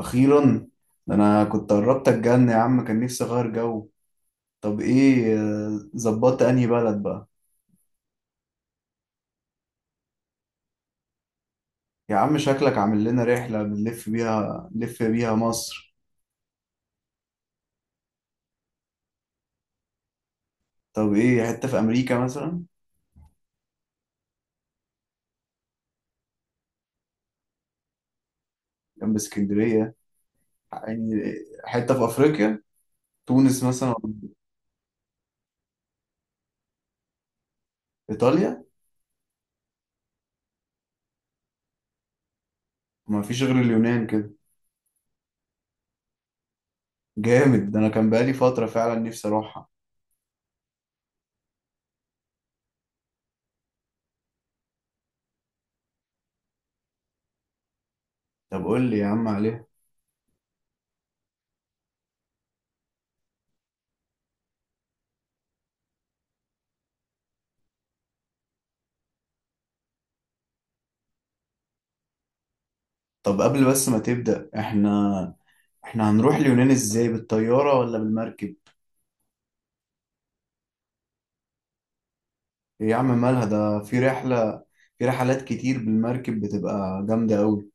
أخيرا. ده أنا كنت قربت أتجن يا عم، كان نفسي أغير جو. طب إيه، ظبطت أنهي بلد بقى؟ يا عم شكلك عامل لنا رحلة بنلف بيها، نلف بيها مصر. طب إيه، حتة في أمريكا مثلا؟ جنب اسكندرية يعني؟ حتة في أفريقيا، تونس مثلا؟ إيطاليا؟ ما فيش غير اليونان كده. جامد، ده أنا كان بقالي فترة فعلا نفسي أروحها. طب قول لي يا عم عليها. طب قبل بس ما تبدأ، إحنا هنروح اليونان إزاي، بالطيارة ولا بالمركب؟ إيه يا عم مالها، ده في رحلة، في رحلات كتير بالمركب بتبقى جامدة أوي.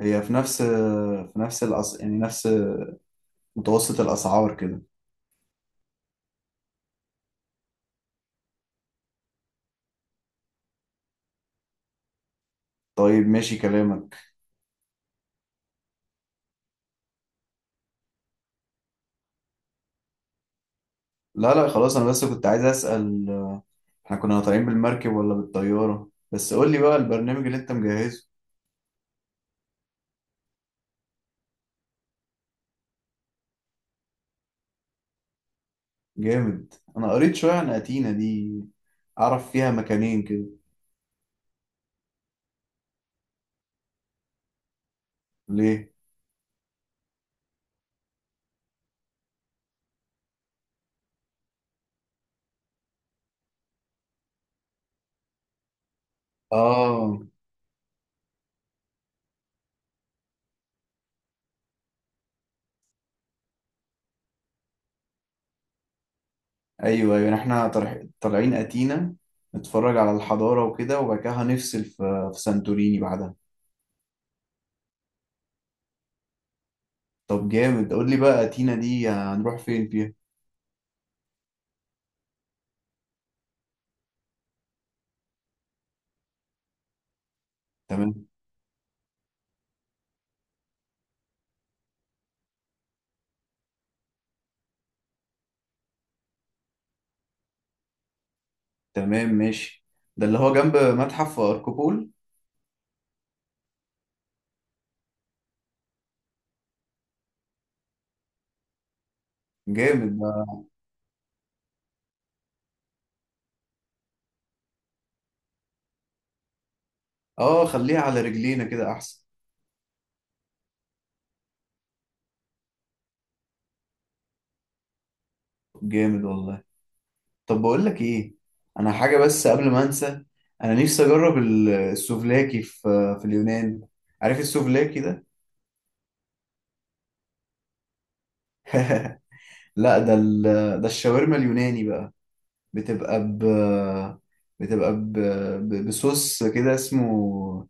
هي في نفس يعني نفس متوسط الأسعار كده. طيب ماشي كلامك. لا لا، خلاص أنا بس كنت عايز أسأل احنا كنا طالعين بالمركب ولا بالطيارة. بس قول لي بقى البرنامج اللي أنت مجهزه. جامد. أنا قريت شوية عن أتينا دي، أعرف فيها مكانين كده. ليه؟ آه. أيوه أيوه، يعني احنا طالعين أتينا نتفرج على الحضارة وكده، وبعد كده هنفصل في سانتوريني بعدها. طب جامد، قول لي بقى تينا دي هنروح فين فيها. تمام. تمام ماشي، ده اللي هو جنب متحف اركوبول؟ جامد ده. اه، خليها على رجلينا كده احسن. جامد والله. طب بقول لك ايه، انا حاجه بس قبل ما انسى، انا نفسي اجرب السوفلاكي في في اليونان. عارف السوفلاكي ده؟ لا، ده ده الشاورما اليوناني بقى. بتبقى ب بتبقى بصوص كده اسمه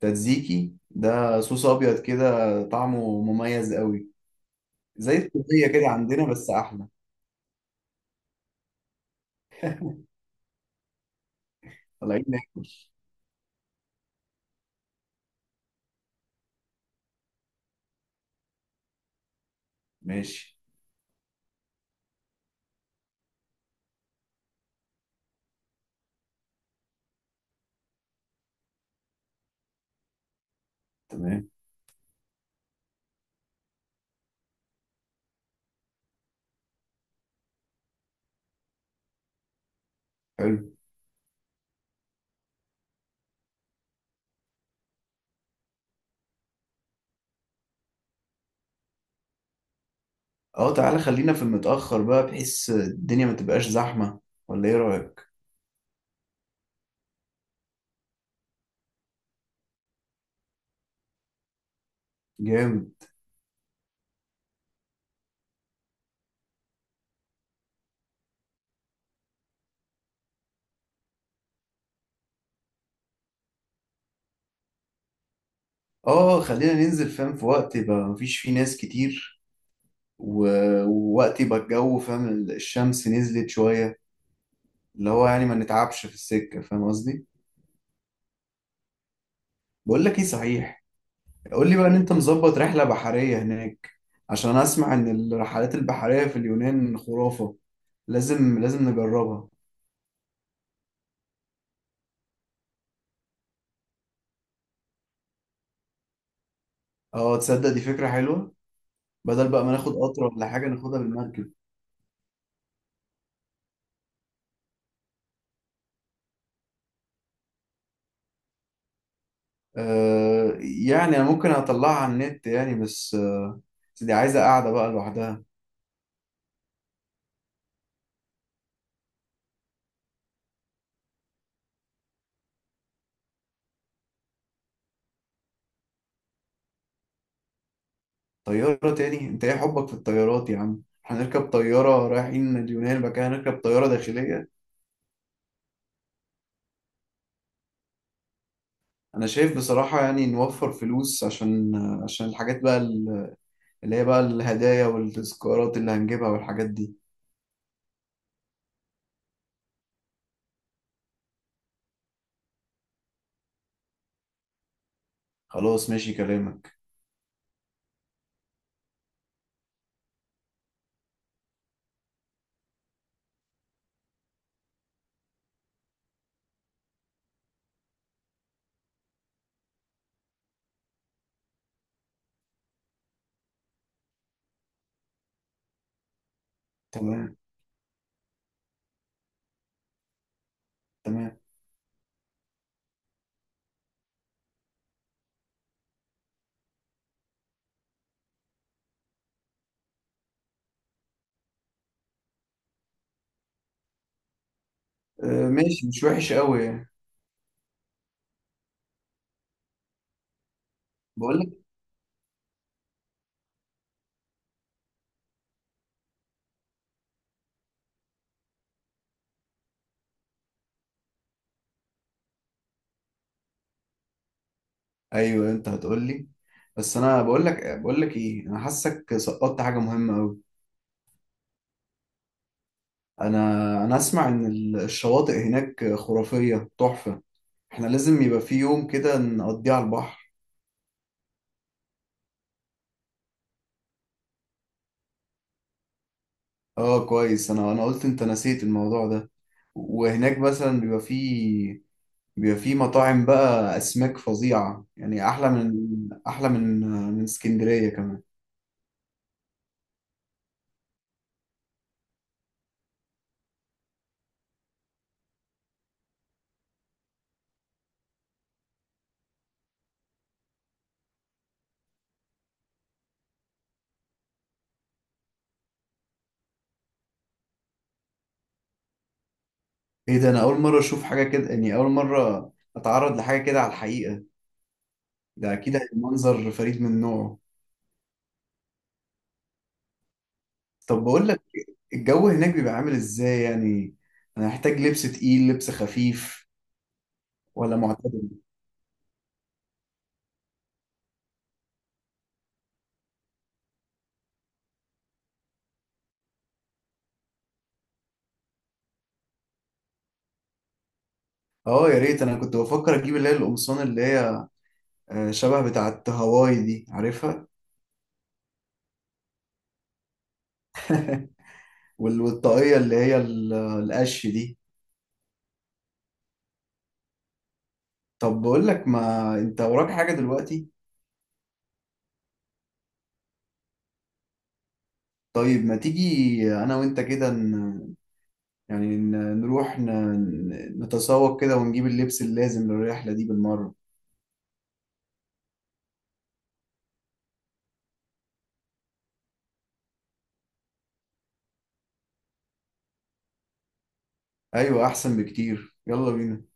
تاتزيكي، ده صوص ابيض كده طعمه مميز قوي. زي التوتيه كده عندنا بس احلى. طالعين ناكل. ماشي. تمام. حلو. اه تعالى خلينا في المتاخر بقى، بحيث الدنيا ما تبقاش زحمه، ولا ايه رايك؟ جامد. اه خلينا ننزل فاهم في وقت يبقى مفيش فيه ناس كتير، و... ووقت يبقى الجو فاهم الشمس نزلت شويه، اللي هو يعني ما نتعبش في السكه فاهم قصدي. بقول لك ايه صحيح، قول لي بقى ان انت مظبط رحلة بحرية هناك، عشان أنا اسمع ان الرحلات البحرية في اليونان خرافة. لازم لازم نجربها. اه تصدق دي فكرة حلوة، بدل بقى ما ناخد قطر ولا حاجة ناخدها بالمركب. آه يعني انا ممكن اطلعها على النت يعني، بس آه بس دي عايزة قاعدة بقى لوحدها. طيارة تاني؟ انت ايه حبك في الطيارات يا عم، هنركب طيارة رايحين اليونان بقى هنركب طيارة داخلية؟ انا شايف بصراحة يعني نوفر فلوس عشان، عشان الحاجات بقى اللي هي بقى الهدايا والتذكارات اللي هنجيبها والحاجات دي. خلاص ماشي كلامك. تمام. تمام. ماشي، مش وحش قوي يعني. بقول لك. ايوه انت هتقول لي، بس انا بقول لك، ايه، انا حاسك سقطت حاجه مهمه قوي. انا انا اسمع ان الشواطئ هناك خرافيه تحفه، احنا لازم يبقى في يوم كده نقضيه على البحر. اه كويس، انا قلت انت نسيت الموضوع ده. وهناك مثلا بيبقى فيه، بيبقى في مطاعم بقى أسماك فظيعة يعني، أحلى من أحلى من من اسكندرية كمان. إيه ده، أنا أول مرة أشوف حاجة كده يعني، أول مرة أتعرض لحاجة كده على الحقيقة. ده أكيد هيبقى منظر فريد من نوعه. طب بقول لك، الجو هناك بيبقى عامل إزاي يعني، أنا هحتاج لبس تقيل، لبس خفيف، ولا معتدل؟ اه يا ريت، انا كنت بفكر اجيب اللي هي القمصان اللي هي شبه بتاعه هواي دي، عارفها؟ وال- والطاقيه اللي هي القش دي. طب بقول لك، ما انت وراك حاجه دلوقتي؟ طيب ما تيجي انا وانت كده يعني نروح نتسوق كده ونجيب اللبس اللازم للرحلة دي بالمرة. ايوه احسن بكتير، يلا بينا.